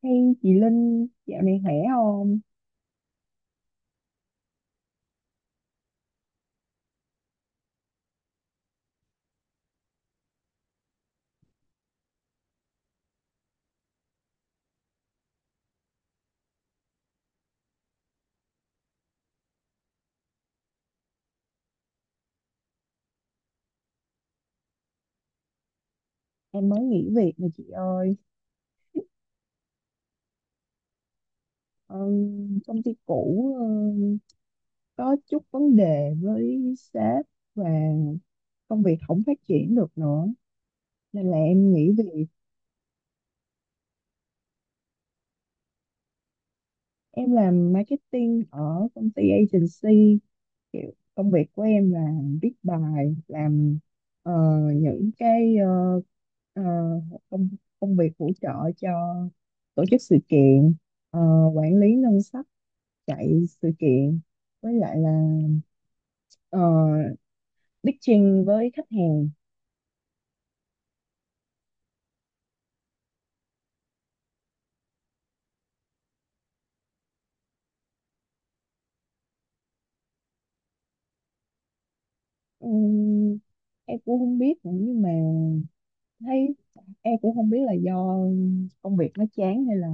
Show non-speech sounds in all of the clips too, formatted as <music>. Hey chị Linh, dạo này khỏe không? Em mới nghỉ việc nè chị ơi. Ờ, công ty cũ có chút vấn đề với sếp và công việc không phát triển được nữa. Nên là em nghỉ việc. Em làm marketing ở công ty agency. Kiểu công việc của em là viết bài, làm ờ, những cái ờ, công, công việc hỗ trợ cho tổ chức sự kiện, ờ, quản lý ngân sách, chạy sự kiện, với lại là ờ, pitching với khách hàng. Ừm, em cũng không biết nữa, nhưng mà thấy em cũng không biết là do công việc nó chán hay là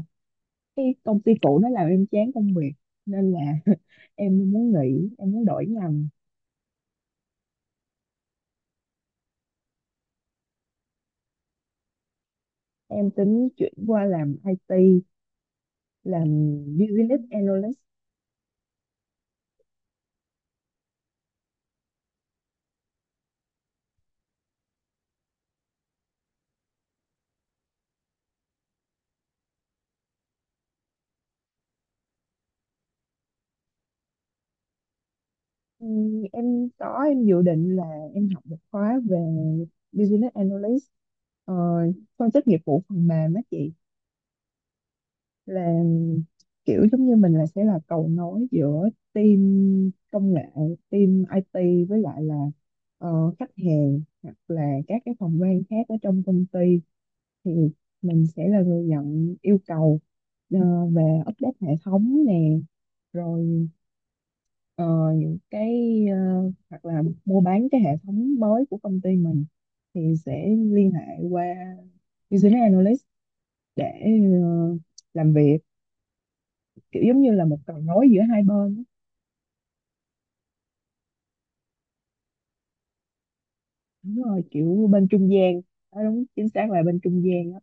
cái công ty cũ nó làm em chán công việc, nên là <laughs> em muốn nghỉ, em muốn đổi ngành. Em tính chuyển qua làm IT, làm business analyst. Em có em dự định là em học một khóa về business analyst. Ờ, Phân tích nghiệp vụ phần mềm á chị, là kiểu giống như mình là sẽ là cầu nối giữa team công nghệ, team IT với lại là khách hàng hoặc là các cái phòng ban khác ở trong công ty. Thì mình sẽ là người nhận yêu cầu ờ, về update hệ thống nè, rồi ờ, những cái hoặc là mua bán cái hệ thống mới của công ty mình thì sẽ liên hệ qua business analyst để ờ, làm việc, kiểu giống như là một cầu nối giữa hai bên á. Đúng rồi, kiểu bên trung gian đó, đúng chính xác là bên trung gian đó.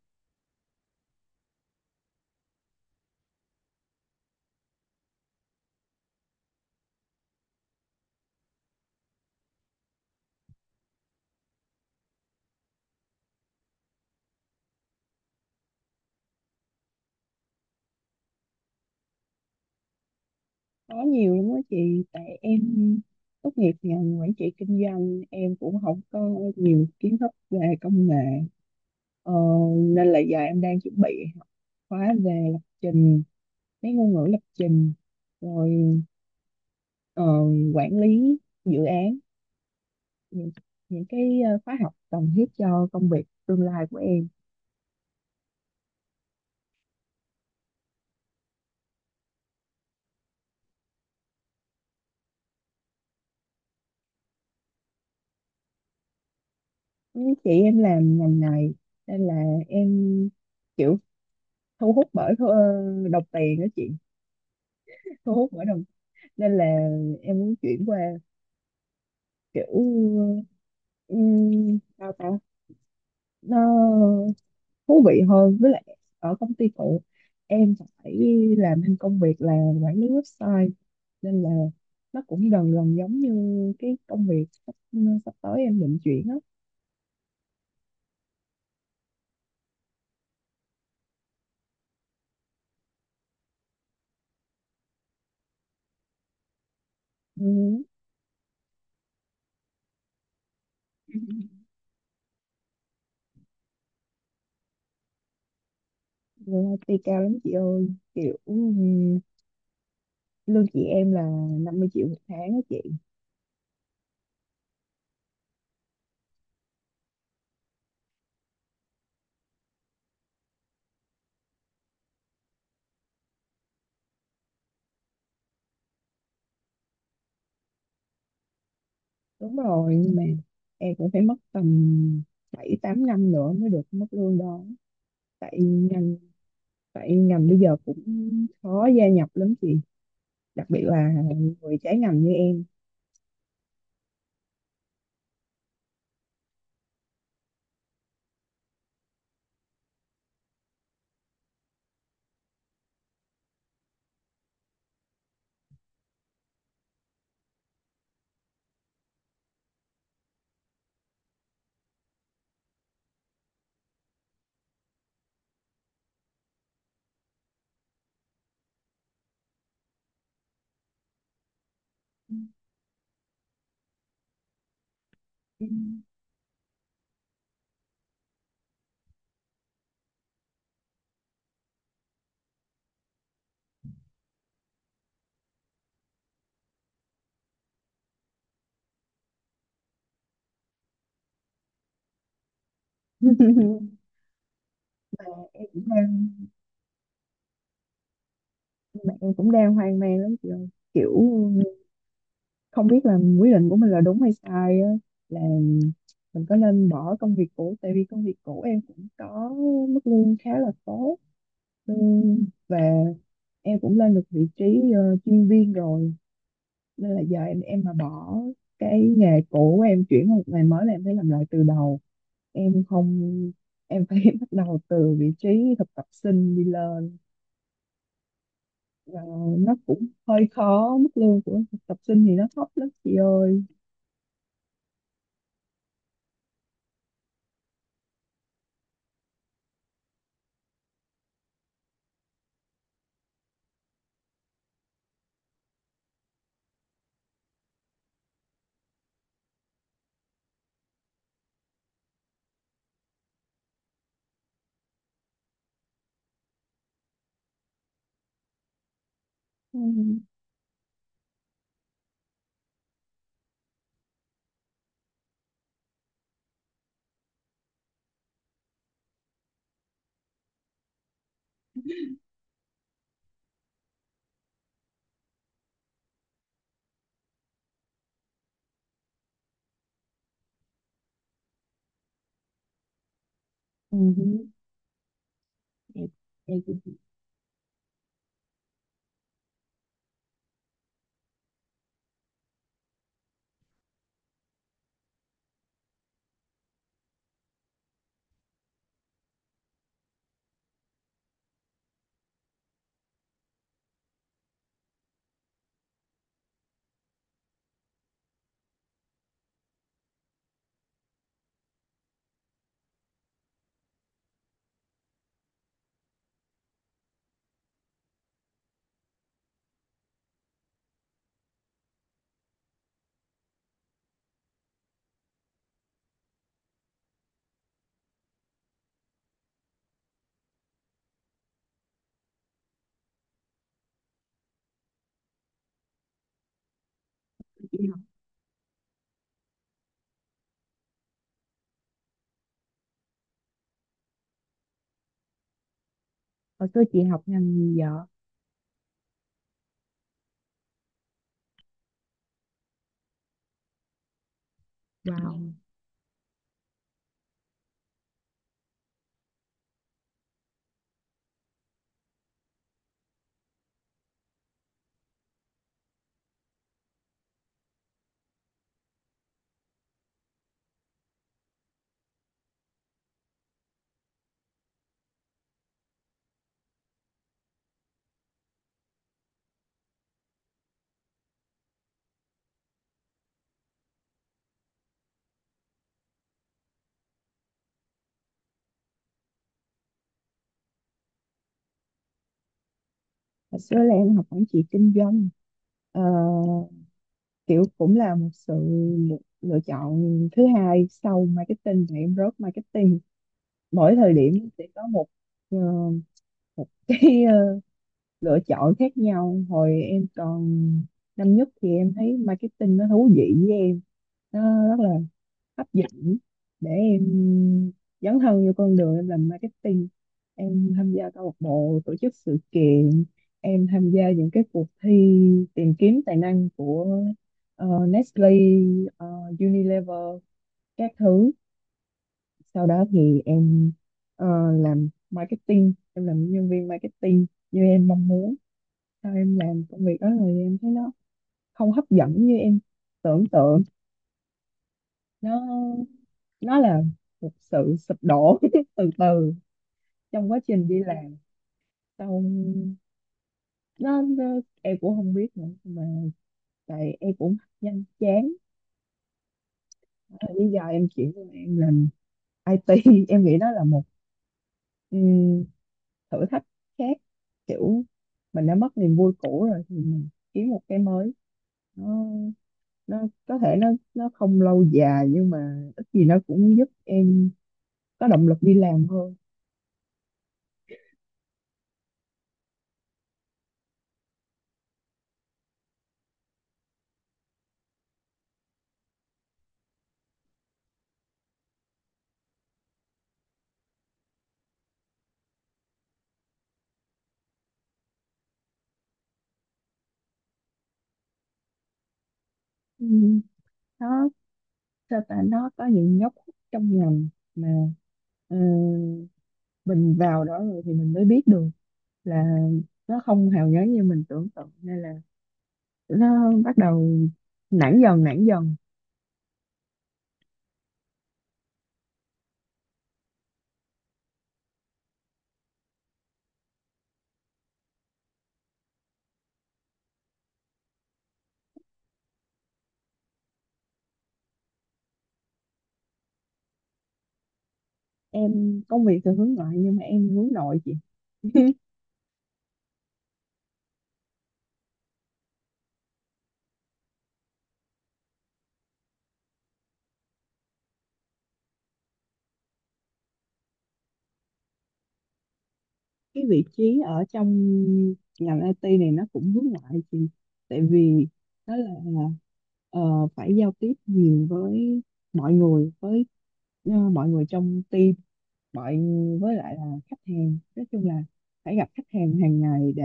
Có nhiều lắm đó chị, tại em tốt nghiệp ngành quản trị kinh doanh, em cũng không có nhiều kiến thức về công nghệ. Ờ, Nên là giờ em đang chuẩn bị học khóa về lập trình, mấy ngôn ngữ lập trình, rồi ờ, quản lý dự án, những, những cái khóa học cần thiết cho công việc tương lai của em. Ừ, chị em làm ngành này nên là em kiểu thu hút bởi đồng tiền đó chị, thu hút bởi đồng, nên là em muốn chuyển qua, kiểu sao ta, nó thú vị hơn. Với lại ở công ty cũ em phải làm thêm công việc là quản lý website, nên là nó cũng gần gần giống như cái công việc sắp tới em định chuyển á. Ừ. <laughs> Rồi, IT cao lắm chị ơi, kiểu ừ. Lương chị em là 50 triệu một tháng á chị. Đúng rồi, nhưng mà em cũng phải mất tầm 7 8 năm nữa mới được mức lương đó, tại ngành, bây giờ cũng khó gia nhập lắm chị, đặc biệt là người trái ngành như em. <laughs> mà em cũng đang mà em cũng đang hoang mang lắm chị ơi, kiểu không biết là quyết định của mình là đúng hay sai á, là mình có nên bỏ công việc cũ, tại vì công việc cũ em cũng có mức lương khá là tốt. Ừ, và em cũng lên được vị trí chuyên viên rồi, nên là giờ em mà bỏ cái nghề cũ của em, chuyển qua một nghề mới là em phải làm lại từ đầu. Em không em phải <laughs> bắt đầu từ vị trí thực tập sinh đi lên, và nó cũng hơi khó. Mức lương của thực tập sinh thì nó thấp lắm chị ơi. Ừ. Ừ. Vậy, vậy chị học Hồi xưa chị học ngành gì vậy? Wow. Hồi xưa là em học quản trị kinh doanh. Ờ, Kiểu cũng là một sự lựa chọn thứ hai sau marketing, và em rớt marketing. Mỗi thời điểm sẽ có ờ, một cái lựa chọn khác nhau. Hồi em còn năm nhất thì em thấy marketing nó thú vị với em, nó rất là hấp dẫn để em dấn thân vô con đường em làm marketing. Em tham gia câu lạc bộ tổ chức sự kiện, em tham gia những cái cuộc thi tìm kiếm tài năng của Nestle, ờ, Unilever các thứ. Sau đó thì em ờ, làm marketing, em làm nhân viên marketing như em mong muốn. Sau em làm công việc đó rồi em thấy nó không hấp dẫn như em tưởng tượng. Nó nó là một sự sụp đổ <laughs> từ từ trong quá trình đi làm. Sau nó em cũng không biết nữa, mà tại em cũng nhanh chán. Bây giờ em chuyển qua em làm IT, <laughs> em nghĩ nó là một thử thách khác. Kiểu mình đã mất niềm vui cũ rồi thì mình kiếm một cái mới. nó nó có thể nó không lâu dài nhưng mà ít gì nó cũng giúp em có động lực đi làm hơn. Ừ, nó sao ta, nó có những góc khuất trong ngành mà ờ, mình vào đó rồi thì mình mới biết được là nó không hào nhoáng như mình tưởng tượng, nên là nó bắt đầu nản dần nản dần. Em công việc thì hướng ngoại nhưng mà em hướng nội chị. Cái vị trí ở trong ngành IT này nó cũng hướng ngoại chị, tại vì nó là ờ, phải giao tiếp nhiều với mọi người với mọi người trong team, mọi với lại là khách hàng. Nói chung là phải gặp khách hàng hàng ngày để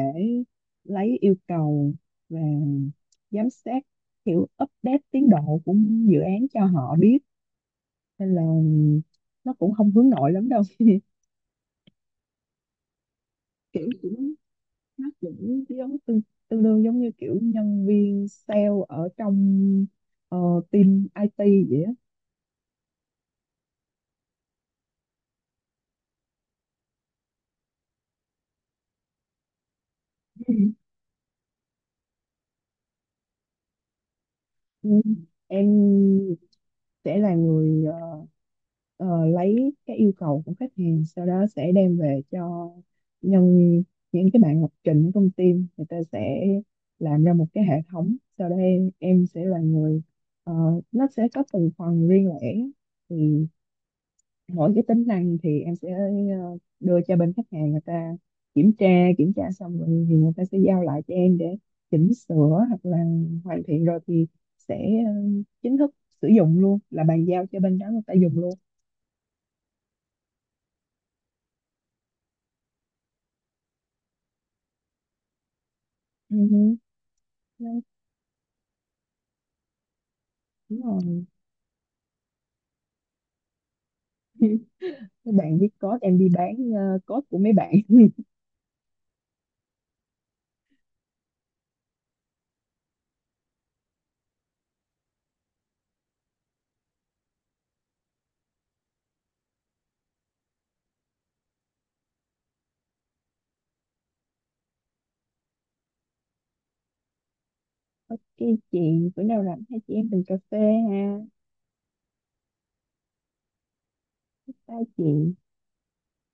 lấy yêu cầu và giám sát, kiểu update tiến độ của dự án cho họ biết, nên là nó cũng không hướng nội lắm đâu. <laughs> Kiểu cũng nó cũng giống tương đương giống như kiểu nhân viên sale ở trong ờ, team IT vậy á. Ừ. Ừ. Em sẽ là người ờ, lấy cái yêu cầu của khách hàng, sau đó sẽ đem về cho nhân những cái bạn lập trình ở trong team, người ta sẽ làm ra một cái hệ thống. Sau đây em sẽ là người ờ, nó sẽ có từng phần riêng lẻ, thì mỗi cái tính năng thì em sẽ đưa cho bên khách hàng, người ta kiểm tra. Kiểm tra xong rồi thì người ta sẽ giao lại cho em để chỉnh sửa, hoặc là hoàn thiện rồi thì sẽ ờ, chính thức sử dụng luôn, là bàn giao cho bên đó người ta dùng luôn. Ừ, đó, đúng rồi. <laughs> Các bạn viết code, em đi bán code của mấy bạn. <laughs> Ok chị, bữa nào rảnh hai chị em mình cà phê ha. Bye chị.